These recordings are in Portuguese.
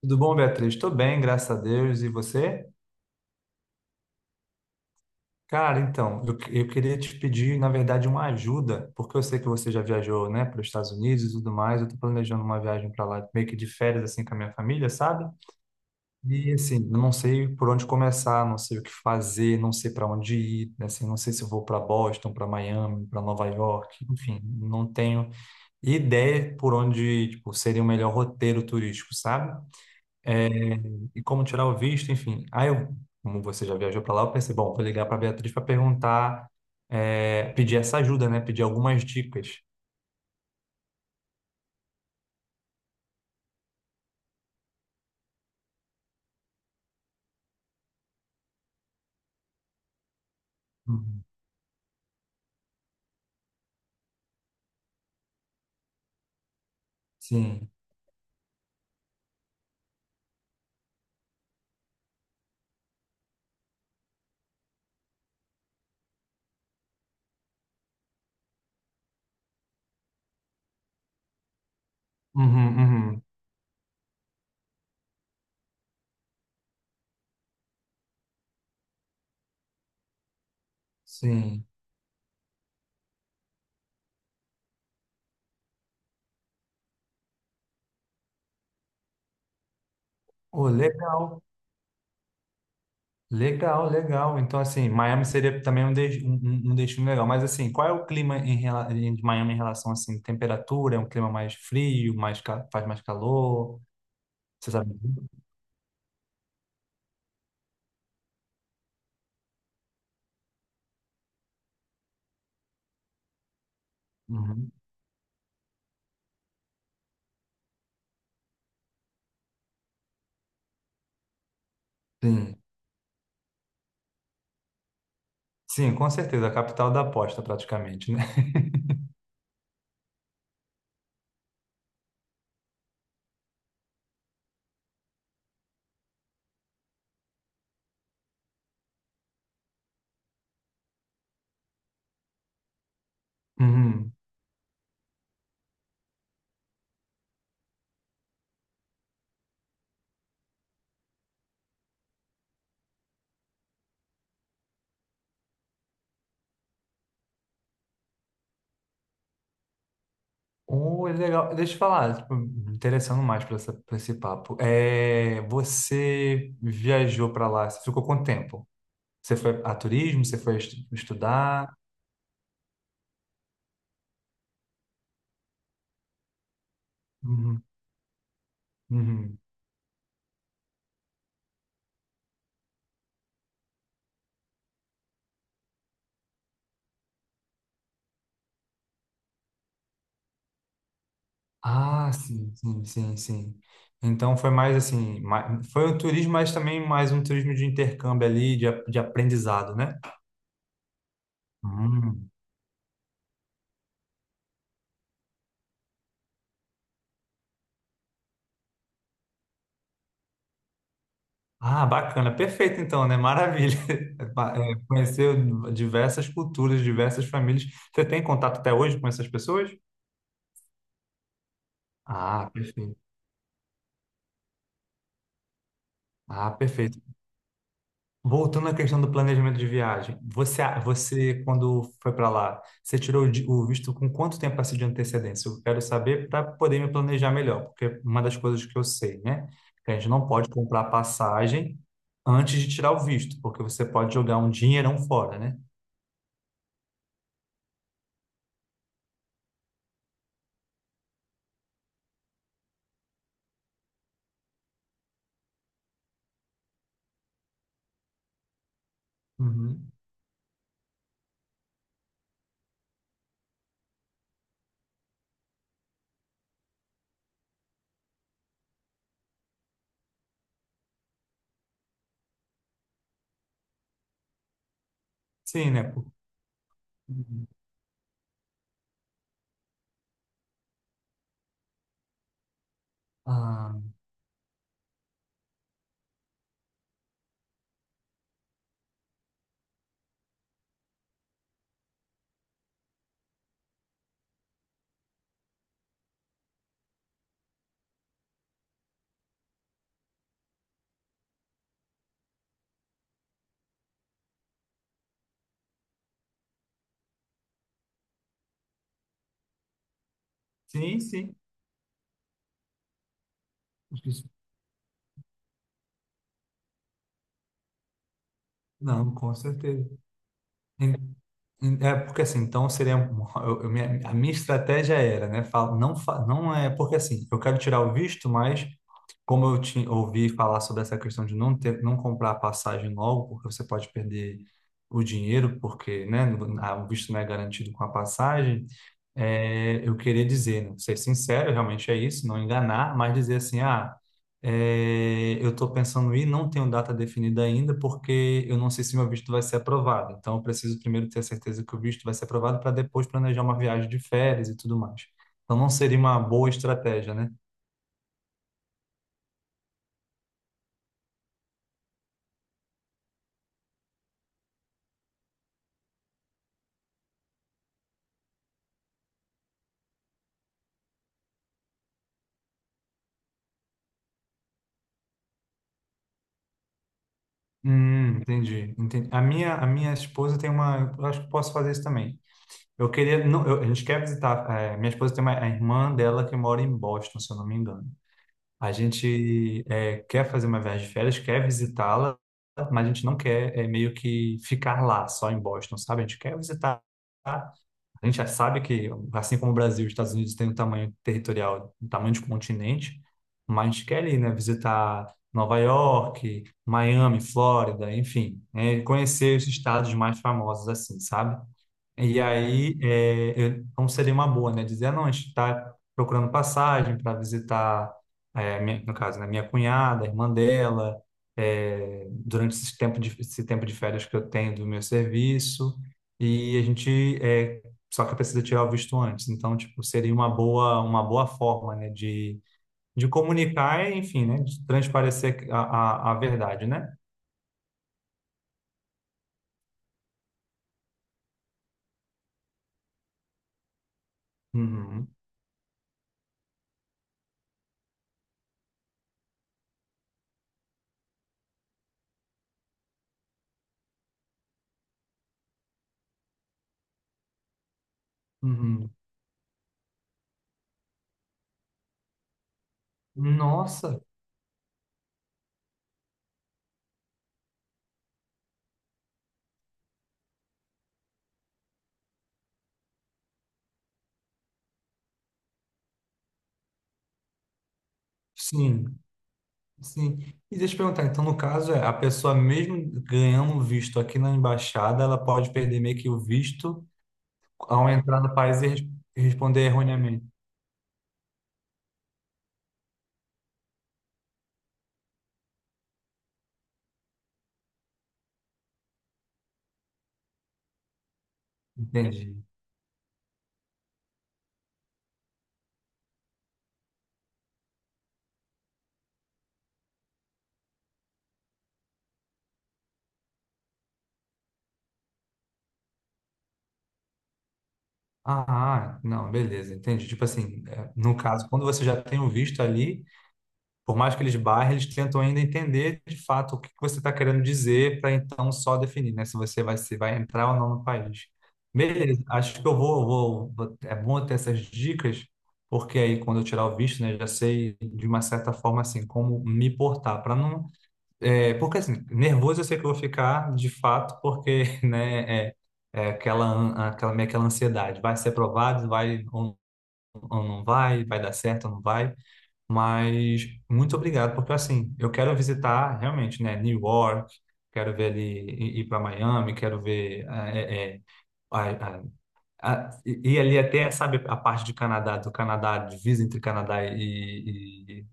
Tudo bom, Beatriz? Estou bem, graças a Deus. E você? Cara, então, eu queria te pedir, na verdade, uma ajuda, porque eu sei que você já viajou, né, para os Estados Unidos e tudo mais. Eu estou planejando uma viagem para lá, meio que de férias, assim, com a minha família, sabe? E, assim, eu não sei por onde começar, não sei o que fazer, não sei para onde ir, né, assim, não sei se eu vou para Boston, para Miami, para Nova York, enfim, não tenho ideia por onde, tipo, seria o melhor roteiro turístico, sabe? É, e como tirar o visto, enfim. Aí, eu, como você já viajou para lá, eu pensei, bom, vou ligar para Beatriz para perguntar, pedir essa ajuda, né? Pedir algumas dicas. Uhum. Sim. Uhum, uhum. Sim. Oh, legal, legal, legal. Então, assim, Miami seria também um, um, um destino legal. Mas, assim, qual é o clima em, de Miami em relação, assim, temperatura? É um clima mais frio, mais, faz mais calor? Você sabe? Uhum. Sim. Sim, com certeza. A capital da aposta, praticamente, né? Uhum. Oh, é legal. Deixa eu falar, tipo, me interessando mais para essa, pra esse papo. É, você viajou para lá, você ficou quanto tempo? Você foi a turismo, você foi estudar? Uhum, uhum. Ah, sim, sim, sim, sim. Então foi mais assim, mais, foi um turismo, mas também mais um turismo de intercâmbio ali, de, de aprendizado, né? Hum. Ah, bacana, perfeito então, né? Maravilha. Conheceu diversas culturas, diversas famílias. Você tem contato até hoje com essas pessoas? Ah, perfeito. Ah, perfeito. Voltando à questão do planejamento de viagem, você quando foi para lá, você tirou o visto com quanto tempo assim de antecedência? Eu quero saber para poder me planejar melhor, porque uma das coisas que eu sei, né, que a gente não pode comprar passagem antes de tirar o visto, porque você pode jogar um dinheirão fora, né? Uhum. Sim, né? Uhum. Ah, Sim, sim. acho que isso- não, com certeza. Em- É porque assim, então seria a minha estratégia era, né? Fala, não, não é porque assim, eu quero tirar o visto, mas como eu te, ouvi falar sobre essa questão de não ter, não comprar a passagem logo, porque você pode perder o dinheiro, porque, né? O visto não é garantido com a passagem. Eu queria dizer, né, ser sincero, realmente é isso, não enganar, mas dizer assim, ah. Eu estou pensando em ir, não tenho data definida ainda, porque eu não sei se meu visto vai ser aprovado. Então, eu preciso primeiro ter certeza que o visto vai ser aprovado para depois planejar uma viagem de férias e tudo mais. Então, não seria uma boa estratégia, né? Entendi, entendi. A minha esposa tem uma. Eu acho que posso fazer isso também. Eu queria. Não, a gente quer visitar. Minha esposa tem uma, a irmã dela que mora em Boston, se eu não me engano. A gente quer fazer uma viagem de férias, quer visitá-la, mas a gente não quer meio que ficar lá, só em Boston, sabe? A gente quer visitar. A gente já sabe que, assim como o Brasil, os Estados Unidos têm um tamanho territorial, um tamanho de continente, mas a gente quer ir, né? Visitar Nova York, Miami, Flórida, enfim, né? Conhecer os estados mais famosos, assim, sabe? E aí, então seria uma boa, né? Dizer, ah, não, a gente está procurando passagem para visitar, no caso, né, minha cunhada, a irmã dela, durante esse tempo de férias que eu tenho do meu serviço, e a gente, só que precisa tirar o visto antes. Então, tipo, seria uma boa forma, né, de comunicar, enfim, né, de transparecer a verdade, né? Uhum, uhum. Nossa, sim. Sim. E deixa eu perguntar, então, no caso, é, a pessoa mesmo ganhando o visto aqui na embaixada, ela pode perder meio que o visto ao entrar no país e e responder erroneamente. Entendi. Ah, ah, não, beleza, entendi. Tipo assim, é, no caso, quando você já tem o visto ali, por mais que eles barrem, eles tentam ainda entender de fato o que que você está querendo dizer para então só definir, né? Se você vai, se vai entrar ou não no país. Beleza, acho que eu é bom eu ter essas dicas, porque aí quando eu tirar o visto, né, já sei de uma certa forma assim como me portar para não, porque assim, nervoso eu sei que eu vou ficar de fato, porque, né, é aquela meio aquela ansiedade, vai ser aprovado, vai ou não vai, vai dar certo ou não vai. Mas muito obrigado, porque assim, eu quero visitar realmente, né, New York, quero ver ali, ir para Miami, quero ver, a- a- e ali até, sabe, a parte de do Canadá, divisa entre Canadá e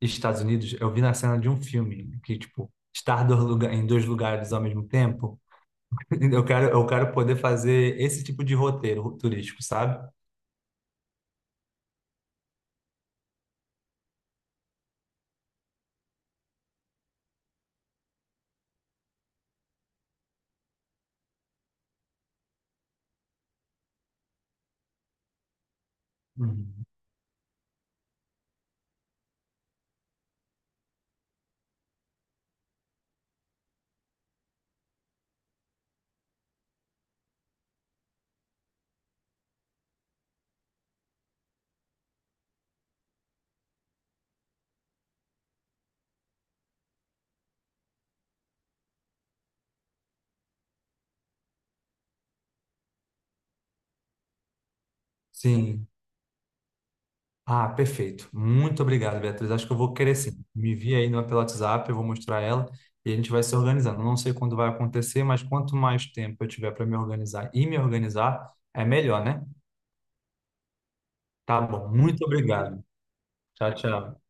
Estados Unidos, eu vi na cena de um filme, que, tipo, estar dois lugar, em dois lugares ao mesmo tempo, eu quero poder fazer esse tipo de roteiro turístico, sabe? Uhum. Sim. Ah, perfeito. Muito obrigado, Beatriz. Acho que eu vou querer sim. Me envia aí no pelo WhatsApp, eu vou mostrar ela e a gente vai se organizando. Não sei quando vai acontecer, mas quanto mais tempo eu tiver para me organizar e me organizar, é melhor, né? Tá bom. Muito obrigado. Tchau, tchau.